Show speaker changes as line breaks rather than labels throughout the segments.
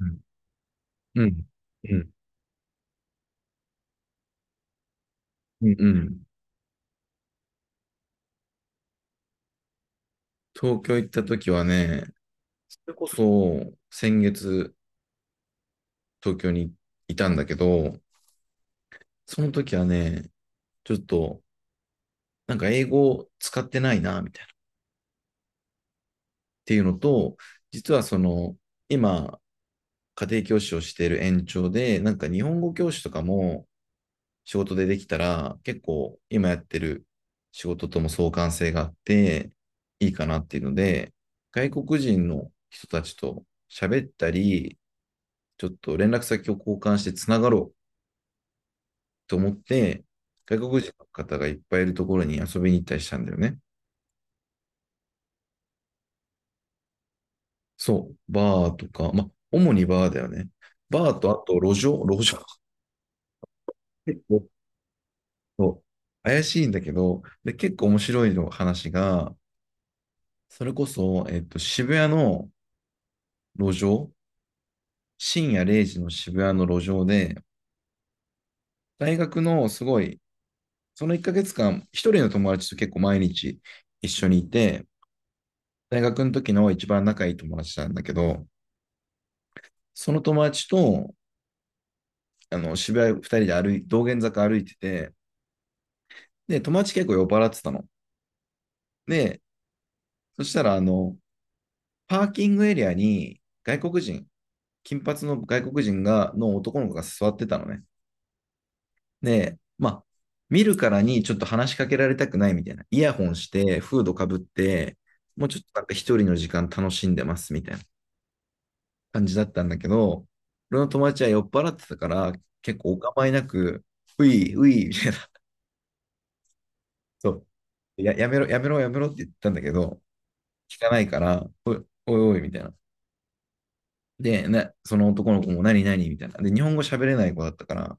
うん。うん。うん。うん。東京行った時はね、それこそ先月東京にいたんだけど、その時はね、ちょっとなんか英語使ってないな、みたいな。っていうのと、実はその、今、家庭教師をしている延長で、なんか日本語教師とかも、仕事でできたら、結構今やってる仕事とも相関性があって、いいかなっていうので、外国人の人たちと喋ったり、ちょっと連絡先を交換してつながろうと思って、外国人の方がいっぱいいるところに遊びに行ったりしたんだよね。そう、バーとか、まあ、主にバーだよね。バーとあと路上、路上。結構、そう、怪しいんだけど、で、結構面白いの話が、それこそ、渋谷の路上、深夜0時の渋谷の路上で、大学のすごい、その1ヶ月間、一人の友達と結構毎日一緒にいて、大学の時の一番仲いい友達なんだけど、その友達と、あの、渋谷2人で道玄坂歩いてて、で、友達結構酔っ払ってたの。で、そしたら、あの、パーキングエリアに外国人、金髪の外国人が、の男の子が座ってたのね。で、まあ、見るからにちょっと話しかけられたくないみたいな。イヤホンして、フードかぶって、もうちょっとなんか一人の時間楽しんでますみたいな感じだったんだけど、俺の友達は酔っ払ってたから、結構お構いなく、ういうい、みたいな。そう。やめろ、やめろ、やめろって言ったんだけど、聞かないから、おいおい、みたいな。で、その男の子も何何みたいな。で、日本語喋れない子だったから、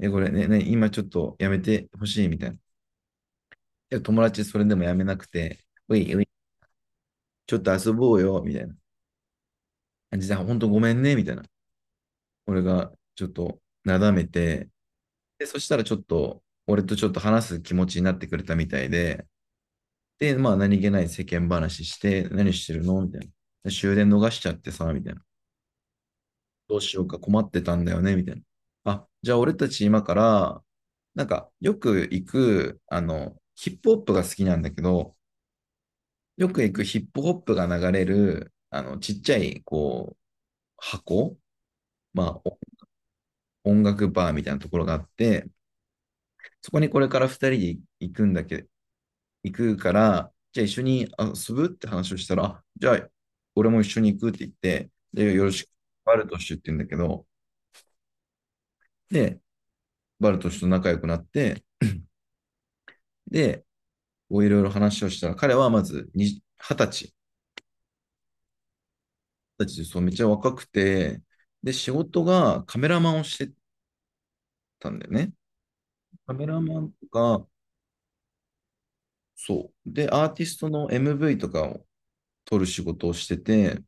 これね、今ちょっとやめてほしいみたいな。で、友達それでもやめなくて、ういうい、ちょっと遊ぼうよ、みたいな。実は本当ごめんね、みたいな。俺がちょっとなだめて、で、そしたらちょっと、俺とちょっと話す気持ちになってくれたみたいで、で、まあ何気ない世間話して、何してるのみたいな。終電逃しちゃってさ、みたいな。どうしようか困ってたんだよね、みたいな。あ、じゃあ俺たち今から、なんかよく行く、あの、ヒップホップが好きなんだけど、よく行くヒップホップが流れる、あの、ちっちゃい、こう、箱、まあ、音楽バーみたいなところがあって、そこにこれから2人で行くんだけ、行くから、じゃあ一緒に遊ぶって話をしたら、じゃあ俺も一緒に行くって言って、で、よろしく、バルトシュって言うんだけど、で、バルトシュと仲良くなって、で、こういろいろ話をしたら、彼はまずに20歳、20歳でそう、めっちゃ若くて、で、仕事がカメラマンをしてたんだよね。カメラマンとか、そう。で、アーティストの MV とかを撮る仕事をしてて、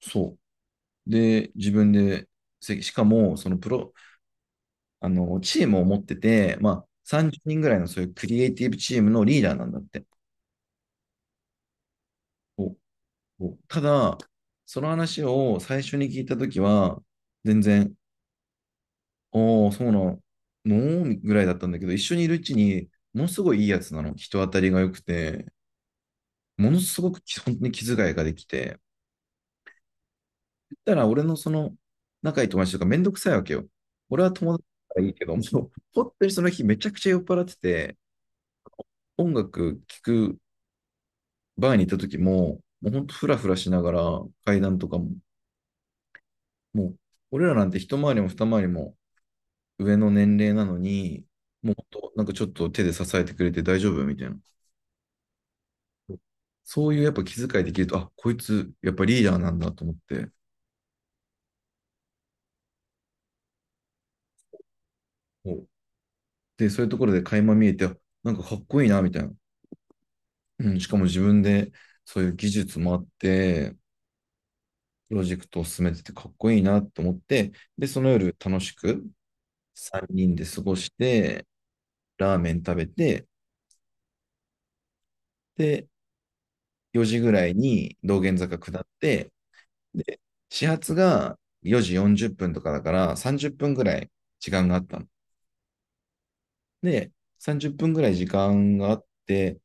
そで、自分で、しかも、そのプロ、あの、チームを持ってて、まあ、30人ぐらいのそういうクリエイティブチームのリーダーなんだって。おただ、その話を最初に聞いたときは、全然、おー、そうなのぐらいだったんだけど、一緒にいるうちに、ものすごいいいやつなの。人当たりが良くて、ものすごく本当に気遣いができて、言ったら俺のその仲いい友達とかめんどくさいわけよ。俺は友達だからいいけど、もう本当にその日めちゃくちゃ酔っ払ってて、音楽聴くバーに行った時も、もうほんとフラフラしながら階段とかも、もう俺らなんて一回りも二回りも上の年齢なのに、もうほんとなんかちょっと手で支えてくれて大丈夫みたいな。そういうやっぱ気遣いできると、あ、こいつやっぱリーダーなんだと思って、で、そういうところで垣間見えて、なんかかっこいいなみたいな。うん、しかも自分でそういう技術もあって、プロジェクトを進めててかっこいいなと思って、で、その夜楽しく3人で過ごして、ラーメン食べて、で、4時ぐらいに道玄坂下って、で、始発が4時40分とかだから30分ぐらい時間があったの。で、30分ぐらい時間があって、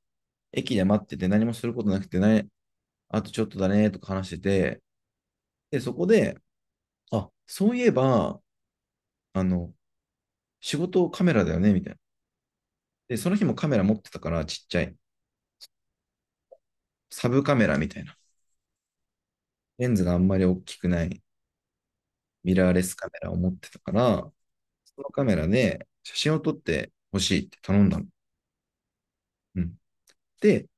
駅で待ってて何もすることなくてね、あとちょっとだねとか話してて、で、そこで、あ、そういえば、あの、仕事カメラだよね、みたいな。で、その日もカメラ持ってたからちっちゃい。サブカメラみたいな。レンズがあんまり大きくない。ミラーレスカメラを持ってたから、そのカメラで写真を撮ってほしいって頼んだの。うん。で、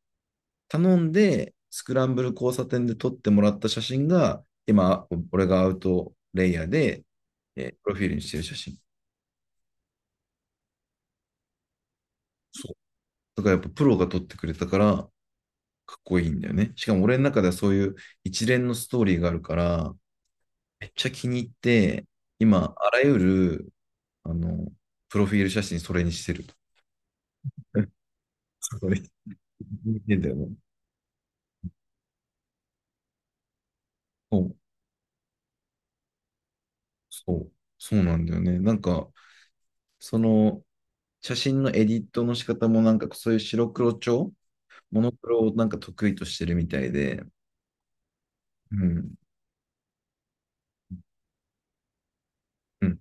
頼んで、スクランブル交差点で撮ってもらった写真が、今、俺がアウトレイヤーで、プロフィールにしてる写真。そう。だからやっぱプロが撮ってくれたから、かっこいいんだよね。しかも俺の中ではそういう一連のストーリーがあるから、めっちゃ気に入って、今、あらゆる、あの、プロフィール写真それにしてる。それ、見てんだよね。そう、そう、そうなんだよね。なんか、その、写真のエディットの仕方も、なんか、そういう白黒調、モノクロをなんか得意としてるみたいで、うん、うん、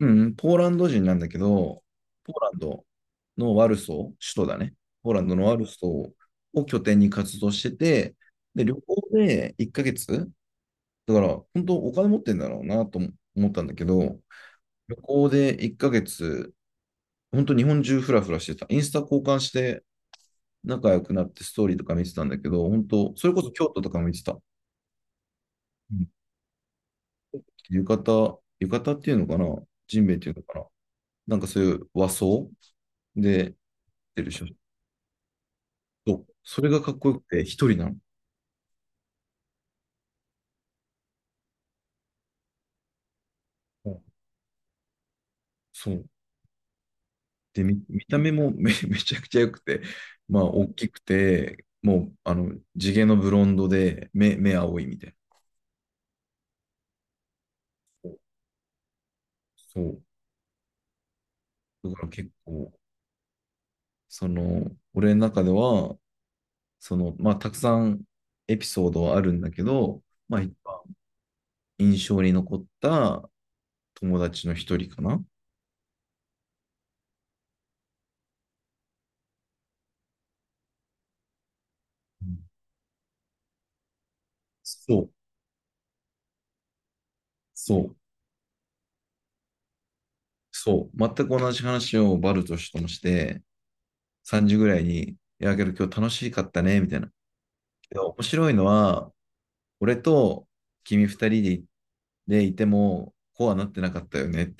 うん、ポーランド人なんだけど、ポーランドのワルソー、首都だね。ポーランドのワルソーを拠点に活動してて、で、旅行で1ヶ月、だから、本当お金持ってんだろうなと思ったんだけど、旅行で1ヶ月、本当日本中フラフラしてた。インスタ交換して、仲良くなってストーリーとか見てたんだけど、本当それこそ京都とかも見てた。うん。浴衣、浴衣っていうのかな、ジンベエっていうのかな、なんかそういう和装で、てるしょ。そう、それがかっこよくて、一人なの。うん。そう。で、見た目もめちゃくちゃ良くて、まあ、大きくて、もう、あの、地毛のブロンドで、目青いみたいな。そう。だから結構、その、俺の中では、その、まあ、たくさんエピソードはあるんだけど、まあ、一番印象に残った友達の一人かな。うん。そう、そう、そう。全く同じ話をバルトしともして、3時ぐらいに、いや、けど今日楽しかったね、みたいな。けど面白いのは、俺と君二人でいても、こうはなってなかったよね。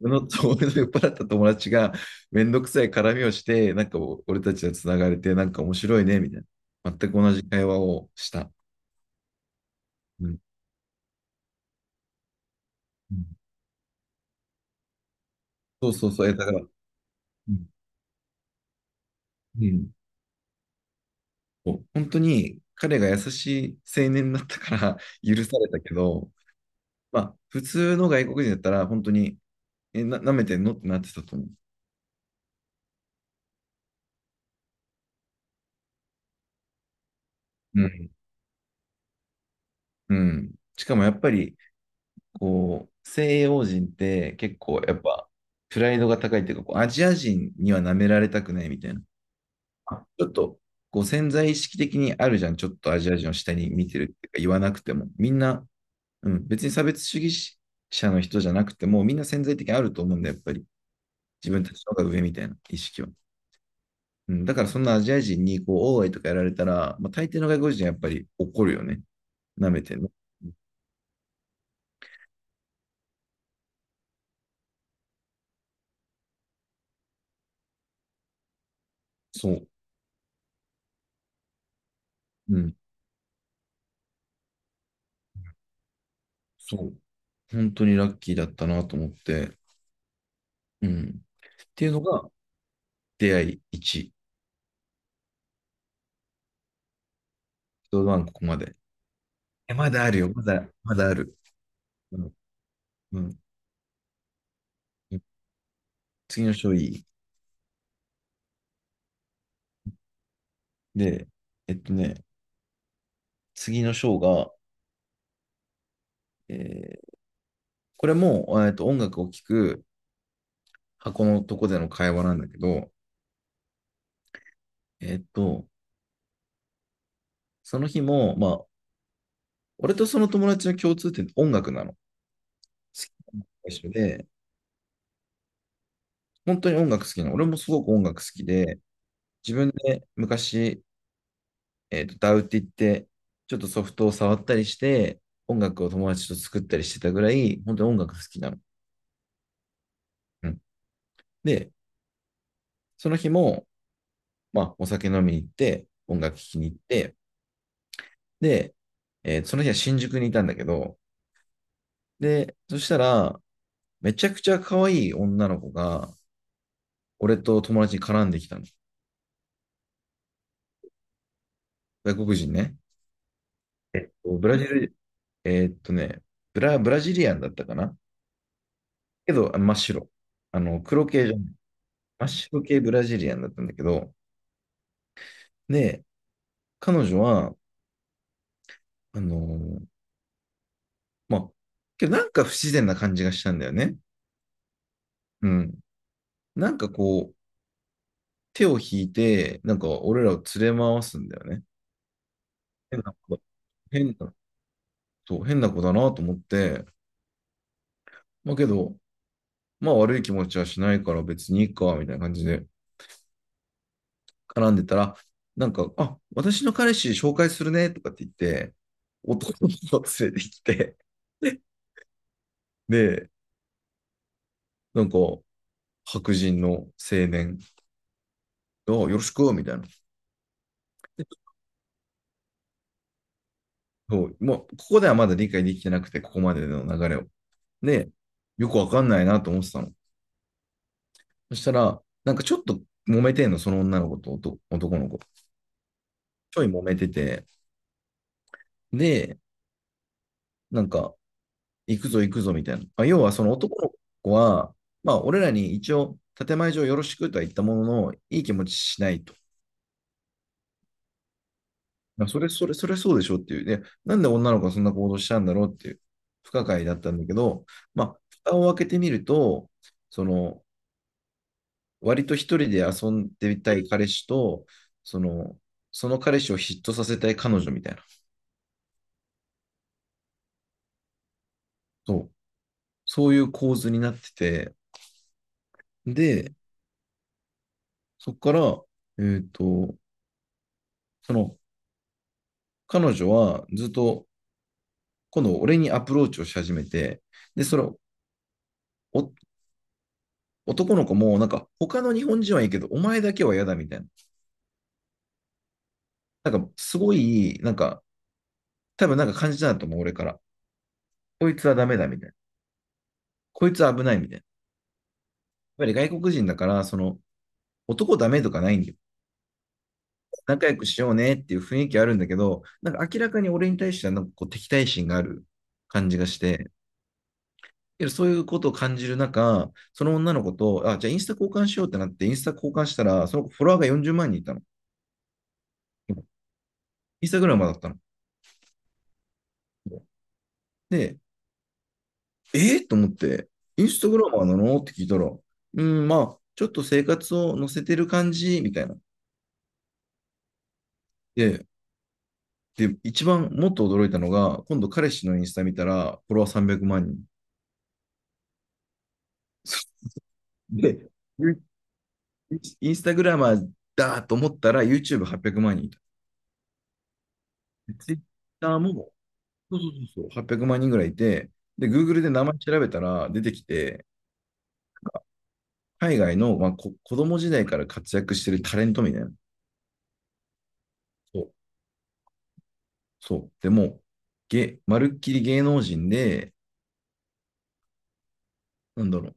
のと 俺の酔っ払った友達がめんどくさい絡みをして、なんか俺たちがつながれて、なんか面白いね、みたいな。全く同じ会話をした。うん。うん。そうそうそう。だから、うん。うん。そう、本当に彼が優しい青年だったから許されたけど、まあ、普通の外国人だったら本当に、舐めてんのってなってたと思う。うん。うん。しかもやっぱり、こう、西洋人って結構やっぱプライドが高いっていうか、こうアジア人には舐められたくないみたいな。あちょっと、こう潜在意識的にあるじゃん。ちょっとアジア人を下に見てるっていうか言わなくても。みんな、うん、別に差別主義者の人じゃなくても、みんな潜在的にあると思うんだよ、やっぱり。自分たちの方が上みたいな意識は。うん、だからそんなアジア人にこう、オーアイとかやられたら、まあ、大抵の外国人はやっぱり怒るよね。舐めてるの。そう。うん。そう。本当にラッキーだったなと思って。うん。っていうのが出会い1。一晩ここまで。え、まだあるよ。まだある。うん。うん。うん。次の章いい。で、えっとね、次の章が、えーこれも、音楽を聴く箱のとこでの会話なんだけど、えっと、その日も、まあ、俺とその友達の共通点って音楽なの。好きな一緒で、本当に音楽好きなの。俺もすごく音楽好きで、自分で昔ダウって言って、ちょっとソフトを触ったりして、音楽を友達と作ったりしてたぐらい、本当に音楽好きなの。うん、で、その日も、まあ、お酒飲みに行って、音楽聴きに行って、で、その日は新宿にいたんだけど、で、そしたら、めちゃくちゃ可愛い女の子が、俺と友達に絡んできたの。外国人ね。ブラジル、えーっとね、ブラジリアンだったかなけど、あ真っ白。あの、黒系じゃない。真っ白系ブラジリアンだったんだけど、で、彼女は、あのーまあ、けどなんか不自然な感じがしたんだよね。うん。なんかこう、手を引いて、なんか俺らを連れ回すんだよね。変な子だ、変な、そう、変な子だなと思って、まあけど、まあ悪い気持ちはしないから別にいいか、みたいな感じで絡んでたら、なんか、あ、私の彼氏紹介するね、とかって言って、男の子を連れてきて、で、なんか、白人の青年が、あよろしく、みたいな。そう、もう、ここではまだ理解できてなくて、ここまでの流れを。で、よくわかんないなと思ってたの。そしたら、なんかちょっと揉めてんの、その女の子と男の子。ちょい揉めてて、で、なんか、行くぞ行くぞみたいな。まあ、要はその男の子は、まあ、俺らに一応、建前上よろしくとは言ったものの、いい気持ちしないと。まあ、それそうでしょっていう。で、なんで女の子がそんな行動したんだろうっていう、不可解だったんだけど、まあ、蓋を開けてみると、その、割と一人で遊んでみたい彼氏と、その、彼氏を嫉妬させたい彼女みたいな。そう。そういう構図になってて、で、そこから、えっと、その、彼女はずっと、今度俺にアプローチをし始めて、で、それを、お男の子も、なんか、他の日本人はいいけど、お前だけは嫌だみたいな。なんか、すごい、なんか、多分なんか感じたんだと思う、俺から。こいつはダメだみたいな。こいつは危ないみたいな。やっぱり外国人だから、その、男ダメとかないんだよ。仲良くしようねっていう雰囲気あるんだけど、なんか明らかに俺に対してはなんかこう敵対心がある感じがして、そういうことを感じる中、その女の子と、あ、じゃあインスタ交換しようってなって、インスタ交換したら、その子フォロワーが40万人いたの。インスタグラマーだったの。で、えー、と思って、インスタグラマーなのって聞いたら、うーん、まあ、ちょっと生活を載せてる感じ、みたいな。で、一番もっと驚いたのが、今度彼氏のインスタ見たら、フォロワー300万人。で、インスタグラマーだと思ったら YouTube800 万人いた。Twitter も、そうそうそうそう、800万人ぐらいいて、で、Google で名前調べたら出てきて、海外の、まあ、子供時代から活躍してるタレントみたいな。そう。そう。でも、まるっきり芸能人で、なんだろう。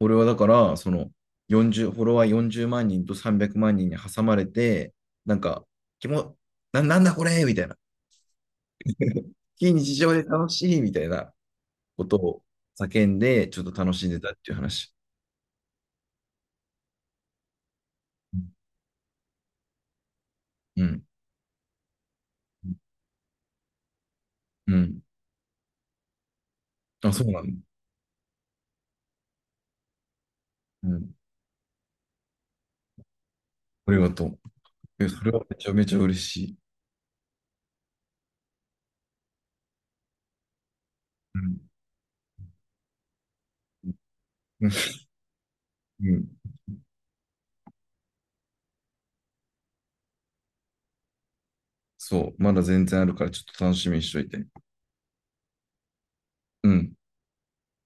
俺はだから、その、40、フォロワー40万人と300万人に挟まれて、なんか、気も、な、なんだこれみたいな。非日常で楽しいみたいなことを叫んで、ちょっと楽しんでたっていう話。うん。うん。あ、そうなんだ。うん。ありがとう。え、それはめちゃめちゃ嬉しい。うん。うん。そう。まだ全然あるから、ちょっと楽しみにしといて。うん。